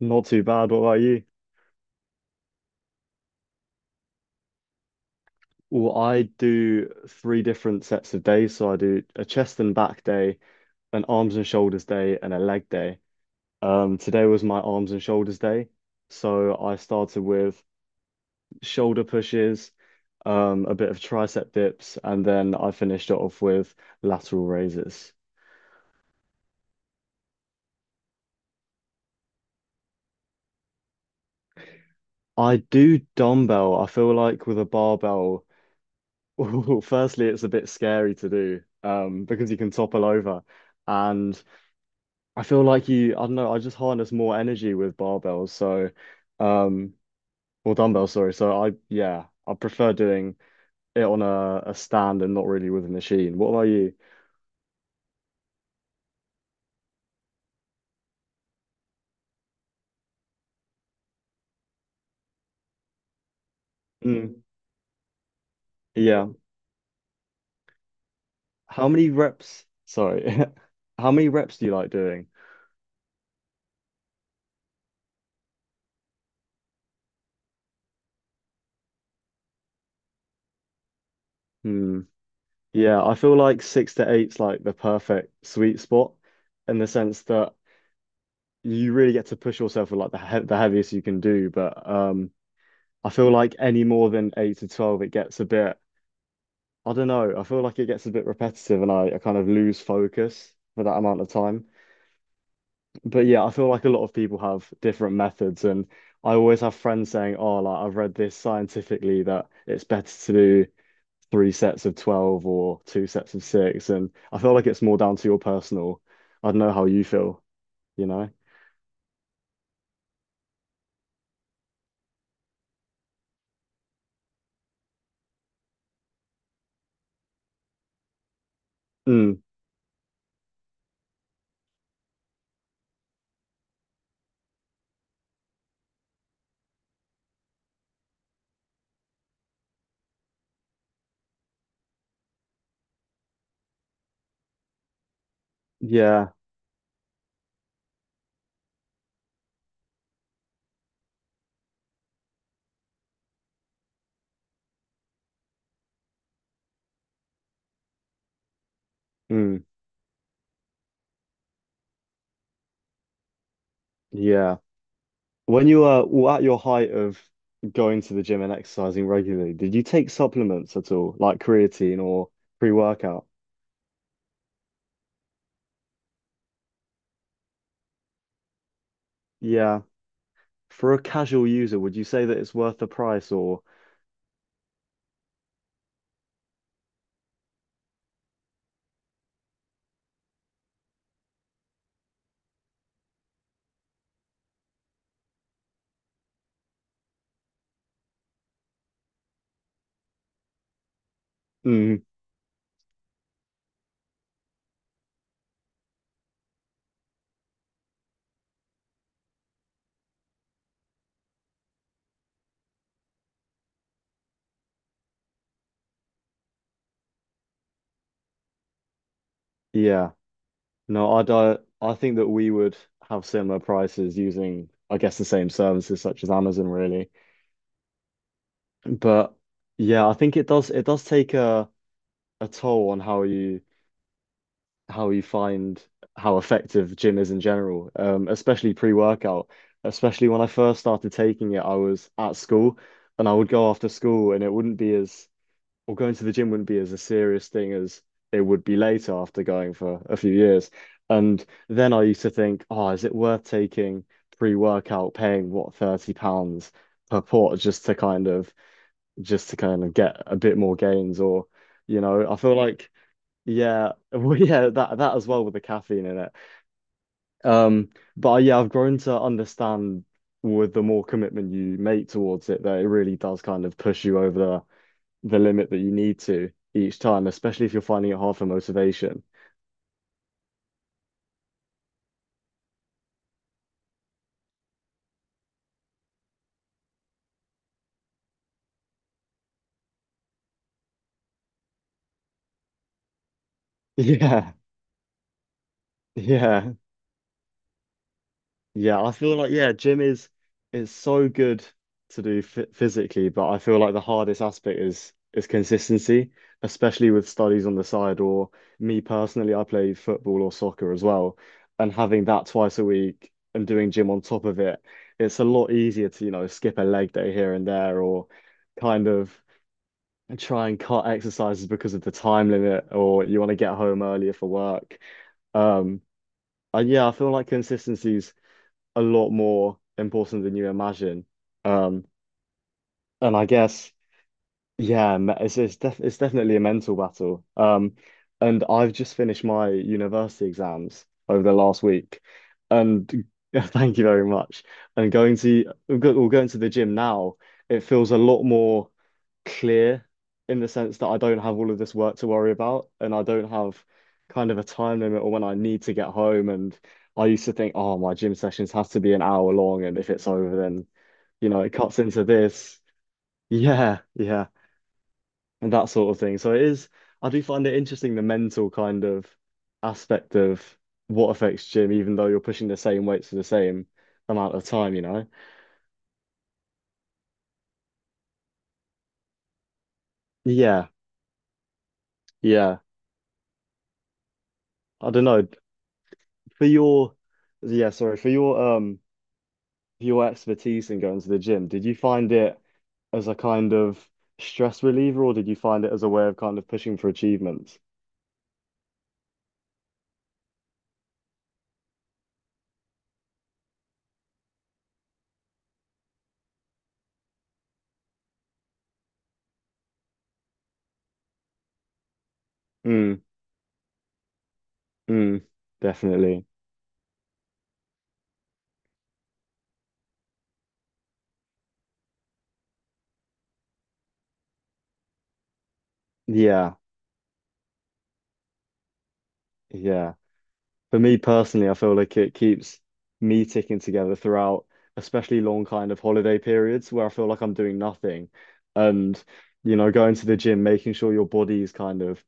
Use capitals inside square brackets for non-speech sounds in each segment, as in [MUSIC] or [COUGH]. Not too bad. What about you? Well, I do three different sets of days. So I do a chest and back day, an arms and shoulders day, and a leg day. Today was my arms and shoulders day. So I started with shoulder pushes, a bit of tricep dips, and then I finished it off with lateral raises. I do dumbbell. I feel like with a barbell, [LAUGHS] firstly, it's a bit scary to do, because you can topple over. And I feel like you, I don't know, I just harness more energy with barbells. Um, or dumbbells, sorry. So I, yeah, I prefer doing it on a stand and not really with a machine. What about you? Mm, yeah. How many reps? Sorry. [LAUGHS] How many reps do you like doing? Hmm. Yeah, I feel like six to eight's like the perfect sweet spot in the sense that you really get to push yourself with like the heaviest you can do. But I feel like any more than eight to 12, it gets a bit. I don't know. I feel like it gets a bit repetitive and I kind of lose focus for that amount of time. But yeah, I feel like a lot of people have different methods. And I always have friends saying, oh, like I've read this scientifically that it's better to do three sets of 12 or two sets of six. And I feel like it's more down to your personal. I don't know how you feel, you know? Mm, yeah. Mm, yeah. When you were at your height of going to the gym and exercising regularly, did you take supplements at all, like creatine or pre-workout? Yeah. For a casual user, would you say that it's worth the price or mm, yeah. No, I'd I think that we would have similar prices using I guess the same services such as Amazon really. But yeah, I think it does take a toll on how you find how effective gym is in general, especially pre-workout. Especially when I first started taking it, I was at school and I would go after school and it wouldn't be as, or going to the gym wouldn't be as a serious thing as it would be later after going for a few years. And then I used to think, oh, is it worth taking pre-workout, paying what, £30 per port just to kind of get a bit more gains or you know, I feel like yeah, [LAUGHS] well, yeah, that as well with the caffeine in it. Um, but yeah, I've grown to understand with the more commitment you make towards it, that it really does kind of push you over the limit that you need to each time, especially if you're finding it hard for motivation. [LAUGHS] Yeah, yeah. Yeah, I feel like yeah, gym is so good to do f physically, but I feel like the hardest aspect is consistency, especially with studies on the side. Or me personally, I play football or soccer as well, and having that twice a week and doing gym on top of it, it's a lot easier to, you know, skip a leg day here and there, or kind of try and cut exercises because of the time limit, or you want to get home earlier for work. Um, and yeah, I feel like consistency a lot more important than you imagine. Um, and I guess yeah, it's definitely a mental battle. And I've just finished my university exams over the last week, and [LAUGHS] thank you very much. And going to we're go- we're going to the gym now. It feels a lot more clear in the sense that I don't have all of this work to worry about, and I don't have kind of a time limit or when I need to get home. And I used to think, oh, my gym sessions have to be an hour long, and if it's over, then you know it cuts into this. Yeah, yeah, and that sort of thing. So it is, I do find it interesting the mental kind of aspect of what affects gym, even though you're pushing the same weights for the same amount of time, you know? Yeah, yeah. I don't know. For your, yeah, sorry, for your expertise in going to the gym, did you find it as a kind of stress reliever or did you find it as a way of kind of pushing for achievements? Mm, mm, definitely. Yeah, yeah. For me personally, I feel like it keeps me ticking together throughout, especially long kind of holiday periods where I feel like I'm doing nothing. And, you know, going to the gym, making sure your body is kind of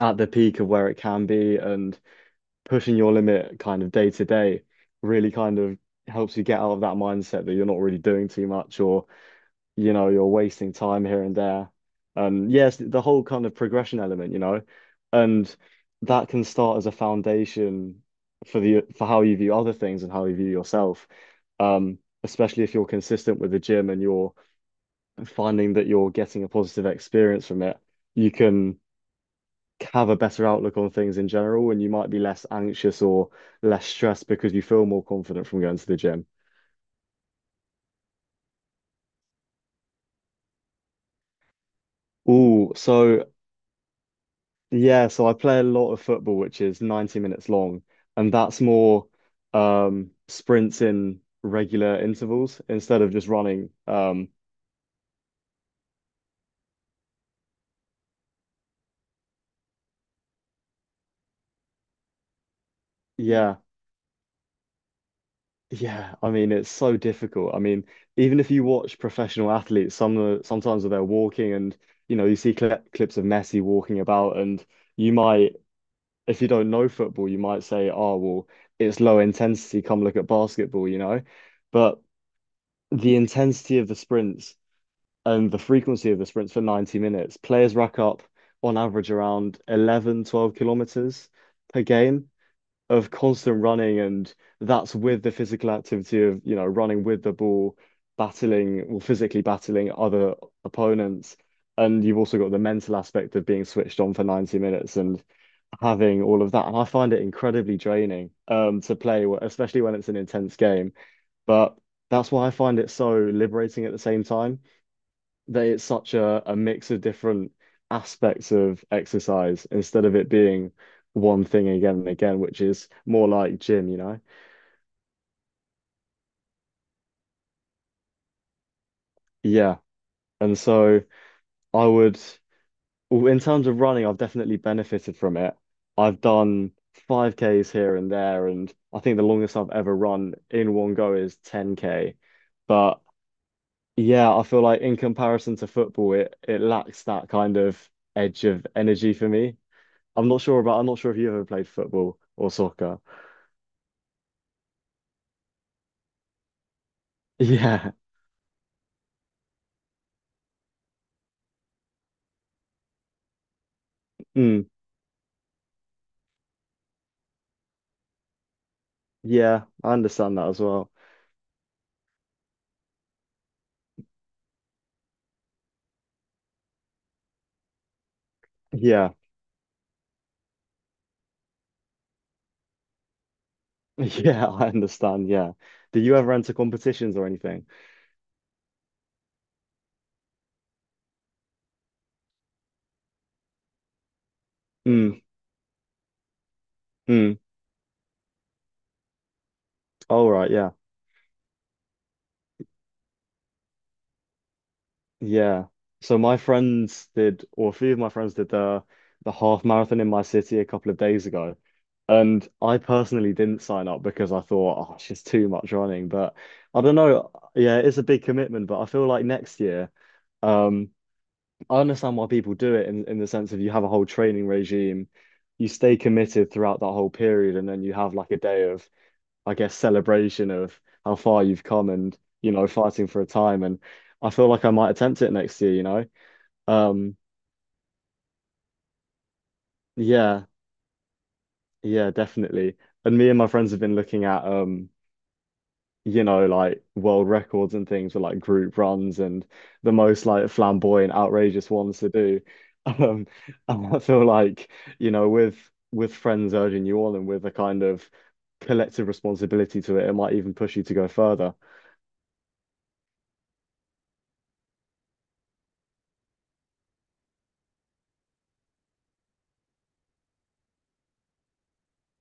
at the peak of where it can be and pushing your limit kind of day to day really kind of helps you get out of that mindset that you're not really doing too much or you know, you're wasting time here and there. Yes, the whole kind of progression element, you know, and that can start as a foundation for the for how you view other things and how you view yourself. Especially if you're consistent with the gym and you're finding that you're getting a positive experience from it, you can have a better outlook on things in general, and you might be less anxious or less stressed because you feel more confident from going to the gym. Oh, so yeah, so I play a lot of football, which is 90 minutes long, and that's more sprints in regular intervals instead of just running. Yeah, yeah, I mean it's so difficult. I mean, even if you watch professional athletes, sometimes they're walking and you know, you see clips of Messi walking about and you might if you don't know football, you might say, "Oh, well, it's low intensity, come look at basketball," you know. But the intensity of the sprints and the frequency of the sprints for 90 minutes, players rack up on average around 11, 12 kilometers per game of constant running. And that's with the physical activity of, you know, running with the ball, battling, well, physically battling other opponents. And you've also got the mental aspect of being switched on for 90 minutes and having all of that. And I find it incredibly draining to play, especially when it's an intense game. But that's why I find it so liberating at the same time that it's such a, mix of different aspects of exercise instead of it being one thing again and again, which is more like gym, you know? Yeah. And so I would, well, in terms of running, I've definitely benefited from it. I've done 5Ks here and there, and I think the longest I've ever run in one go is 10K. But yeah, I feel like in comparison to football, it lacks that kind of edge of energy for me. I'm not sure if you ever played football or soccer. Yeah. Mm. Yeah. I understand that as well. Yeah. [LAUGHS] Yeah. I understand. Yeah. Did you ever enter competitions or anything? Mm. Mm. All right. Yeah. Yeah. So my friends did, or a few of my friends did the half marathon in my city a couple of days ago. And I personally didn't sign up because I thought, oh, it's just too much running. But I don't know. Yeah, it's a big commitment, but I feel like next year, um, I understand why people do it in the sense of you have a whole training regime, you stay committed throughout that whole period, and then you have like a day of, I guess, celebration of how far you've come and, you know, fighting for a time. And I feel like I might attempt it next year, you know? Um, yeah, yeah, definitely. And me and my friends have been looking at you know, like world records and things for like group runs and the most like flamboyant, outrageous ones to do. [LAUGHS] Um, and I feel like, you know, with friends urging you on and with a kind of collective responsibility to it, it might even push you to go further.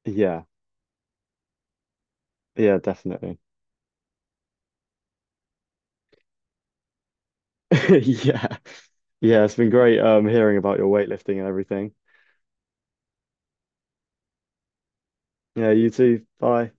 Yeah, yeah, definitely. [LAUGHS] Yeah, yeah, it's been great hearing about your weightlifting and everything. Yeah, you too. Bye.